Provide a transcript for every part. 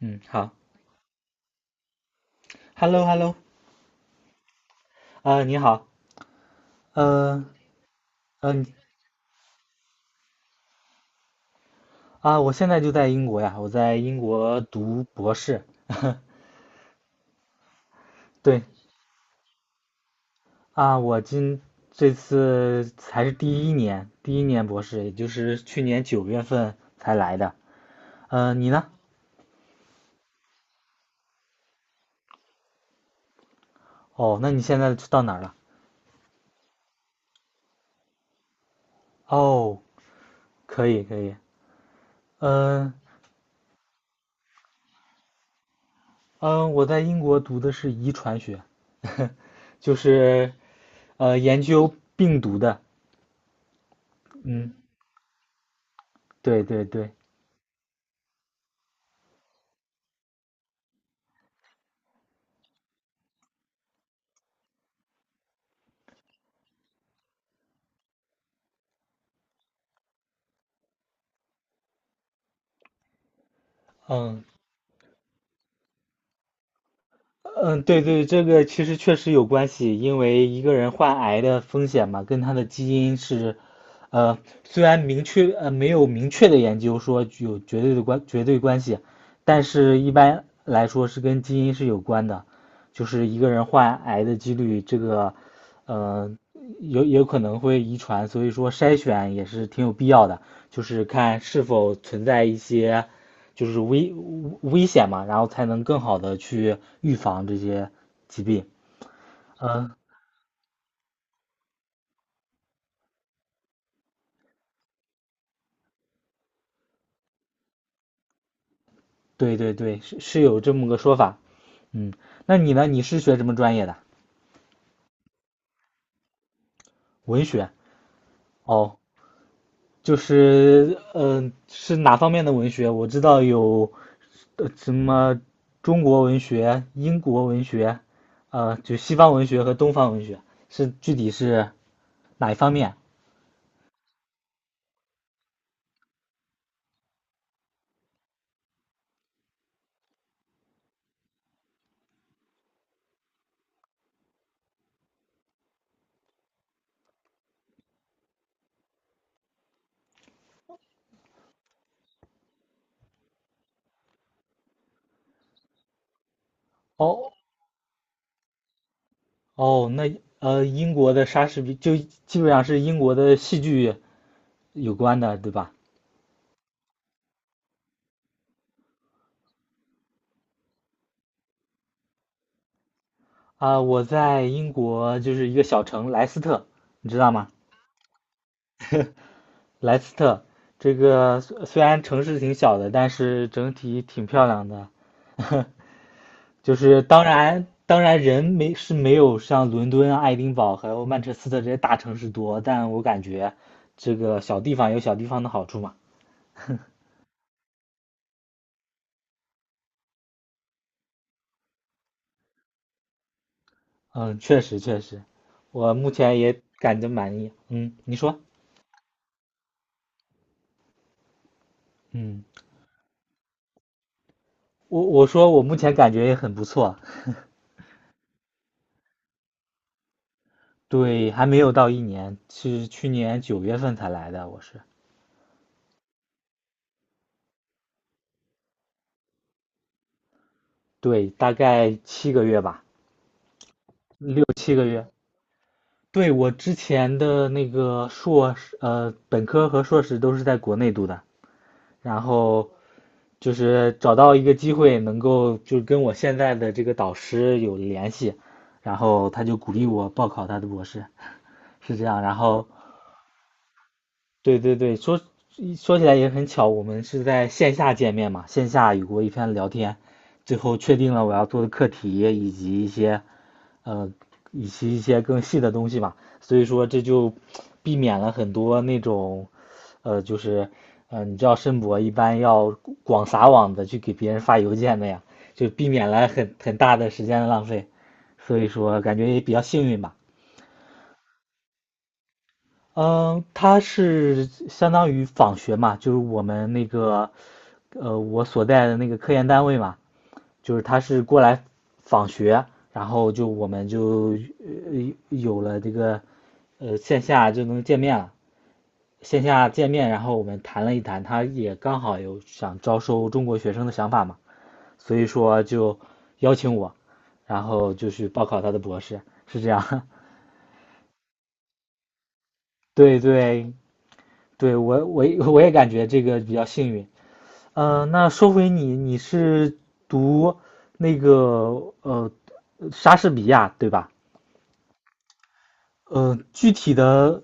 嗯，好，Hello,Hello,你好。呃，嗯，我现在就在英国呀，我在英国读博士。对。啊，我今这次才是第一年，第一年博士，也就是去年九月份才来的。你呢？哦，那你现在到哪儿了？哦，可以，可以。嗯、嗯、我在英国读的是遗传学，就是研究病毒的。嗯，对对对。嗯，嗯，对对，这个其实确实有关系，因为一个人患癌的风险嘛，跟他的基因是，呃，虽然明确没有明确的研究说具有绝对的绝对关系，但是一般来说是跟基因是有关的，就是一个人患癌的几率，这个，呃，有可能会遗传，所以说筛选也是挺有必要的，就是看是否存在一些就是危危险嘛，然后才能更好的去预防这些疾病。嗯，对对对，是是有这么个说法。嗯，那你呢？你是学什么专业的？文学。哦，是哪方面的文学？我知道有呃什么中国文学、英国文学，呃，就西方文学和东方文学，是具体是哪一方面？哦哦，那呃，英国的莎士比就基本上是英国的戏剧有关的，对吧？啊，我在英国就是一个小城莱斯特，你知道吗？莱斯特这个虽然城市挺小的，但是整体挺漂亮的。就是当然，当然人没是没有像伦敦啊爱丁堡还有曼彻斯特这些大城市多，但我感觉这个小地方有小地方的好处嘛。嗯，确实确实，我目前也感觉满意。嗯，你说，嗯，我说我目前感觉也很不错。对，还没有到一年，是去年九月份才来的，我是。对，大概七个月吧，六七个月。对，我之前的那个硕士，本科和硕士都是在国内读的，然后就是找到一个机会能够就跟我现在的这个导师有联系，然后他就鼓励我报考他的博士。是这样。然后，对对对，说起来也很巧，我们是在线下见面嘛，线下有过一番聊天，最后确定了我要做的课题以及一些，呃，以及一些更细的东西嘛，所以说这就避免了很多那种，呃，就是，你知道申博一般要广撒网的去给别人发邮件的呀，就避免了很大的时间的浪费，所以说感觉也比较幸运吧。嗯，他是相当于访学嘛，就是我们那个，呃，我所在的那个科研单位嘛，就是他是过来访学，然后我们就线下就能见面了，线下见面，然后我们谈了一谈，他也刚好有想招收中国学生的想法嘛，所以说就邀请我，然后就去报考他的博士，是这样。对对对，我也感觉这个比较幸运。呃，那说回你，你是读那个呃莎士比亚对吧？呃，具体的，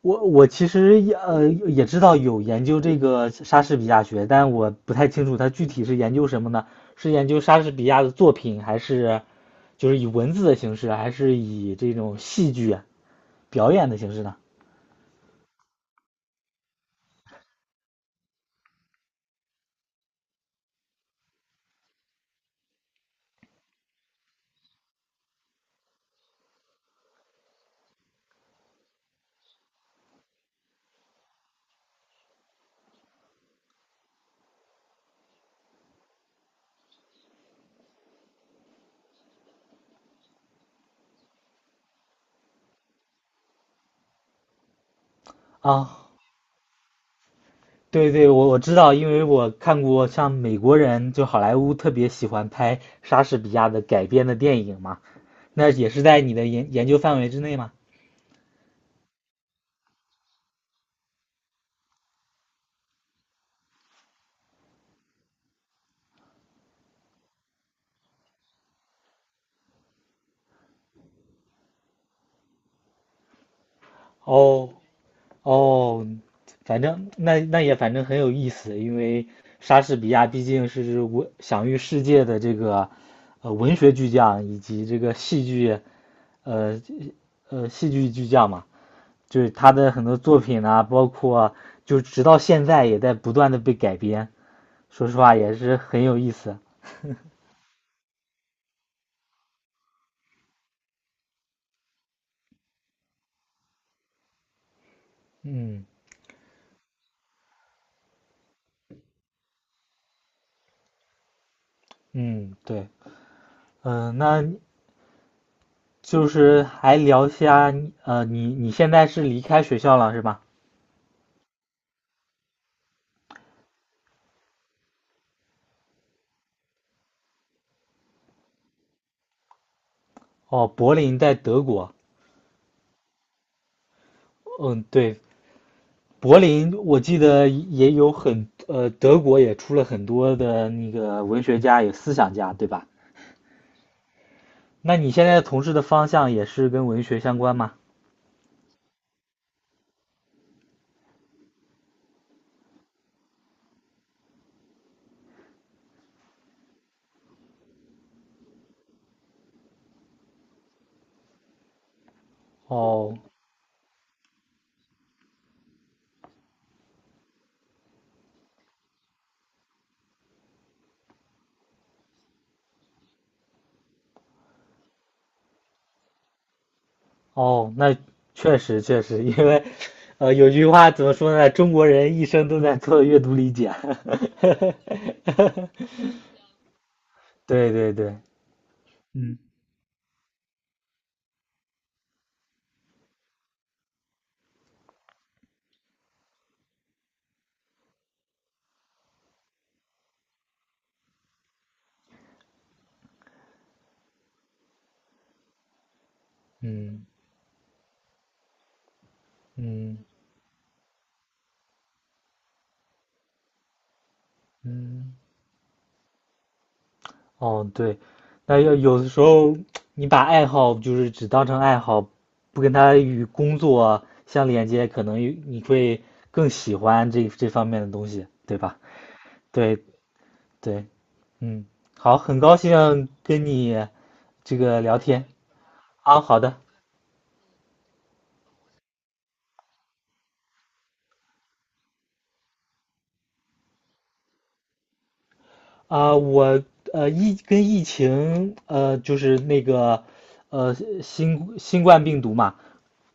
我其实也知道有研究这个莎士比亚学，但我不太清楚它具体是研究什么呢？是研究莎士比亚的作品，还是就是以文字的形式，还是以这种戏剧表演的形式呢？啊，对对，我知道，因为我看过像美国人，就好莱坞特别喜欢拍莎士比亚的改编的电影嘛，那也是在你的研究范围之内嘛。哦哦，反正那那也反正很有意思，因为莎士比亚毕竟是我享誉世界的这个文学巨匠以及这个戏剧呃戏剧巨匠嘛，就是他的很多作品啊，包括就直到现在也在不断的被改编。说实话也是很有意思。嗯嗯，对，嗯，那就是还聊一下呃，你现在是离开学校了是吧？哦，柏林在德国。嗯，对，柏林我记得也有很，呃，德国也出了很多的那个文学家，有思想家，对吧？那你现在从事的方向也是跟文学相关吗？哦，哦，那确实确实，因为，呃，有句话怎么说呢？中国人一生都在做阅读理解。对对对，嗯嗯嗯嗯，哦对，那要有的时候你把爱好就是只当成爱好，不跟它与工作相连接，可能你会更喜欢这方面的东西，对吧？对对，嗯，好，很高兴跟你这个聊天。啊，好的。啊，我疫情就是那个呃新冠病毒嘛，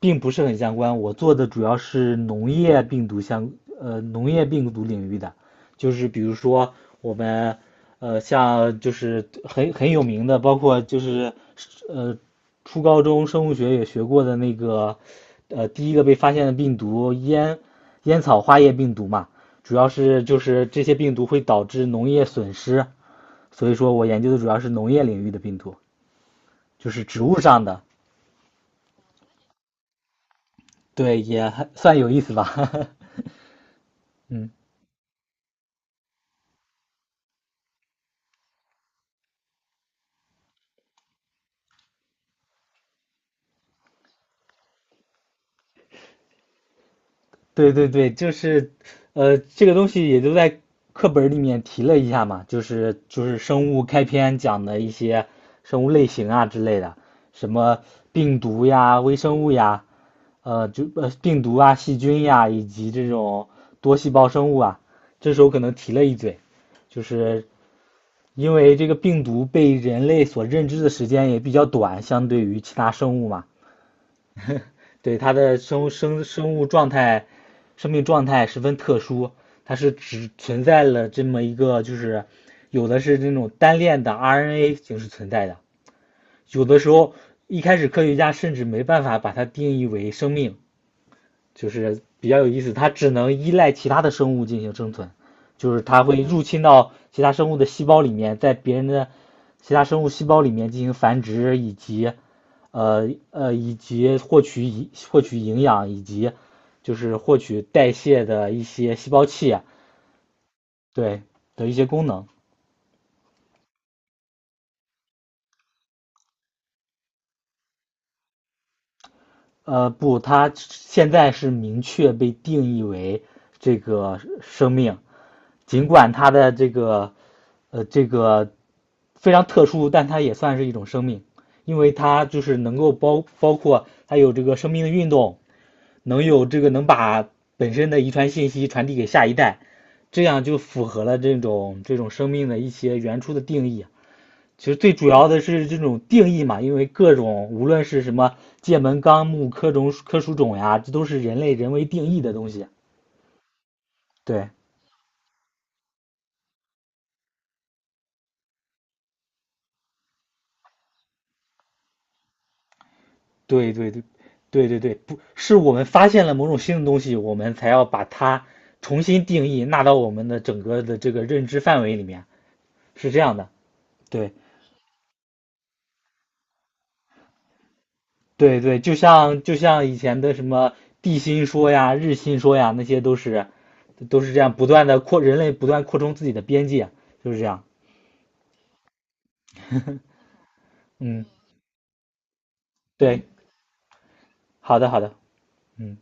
并不是很相关。我做的主要是农业病毒领域的，就是比如说我们，呃，像就是很有名的，包括就是呃，初高中生物学也学过的那个，呃，第一个被发现的病毒烟烟草花叶病毒嘛，主要是就是这些病毒会导致农业损失，所以说我研究的主要是农业领域的病毒，就是植物上的，对，也还算有意思吧。嗯。对对对，就是，呃，这个东西也就在课本儿里面提了一下嘛，就是生物开篇讲的一些生物类型啊之类的，什么病毒呀、微生物呀，病毒啊、细菌呀，以及这种多细胞生物啊，这时候可能提了一嘴，就是因为这个病毒被人类所认知的时间也比较短，相对于其他生物嘛。对，它的生物状态、生命状态十分特殊，它是只存在了这么一个，就是有的是那种单链的 RNA 形式存在的，有的时候一开始科学家甚至没办法把它定义为生命，就是比较有意思，它只能依赖其他的生物进行生存，就是它会入侵到其他生物的细胞里面，在别人的其他生物细胞里面进行繁殖，以获取营养，以及就是获取代谢的一些细胞器啊对的一些功能。呃，不，它现在是明确被定义为这个生命，尽管它的这个非常特殊，但它也算是一种生命，因为它就是能够包括它有这个生命的运动，能有这个能把本身的遗传信息传递给下一代，这样就符合了这种生命的一些原初的定义啊。其实最主要的是这种定义嘛，因为各种无论是什么界门纲目科属种呀，这都是人类人为定义的东西。对，对对对，对对对，不是我们发现了某种新的东西，我们才要把它重新定义，纳到我们的整个的这个认知范围里面，是这样的。对对对，就像就像以前的什么地心说呀、日心说呀，那些都是都是这样不断的扩，人类不断扩充自己的边界，就是这样。嗯，对，好的好的，嗯。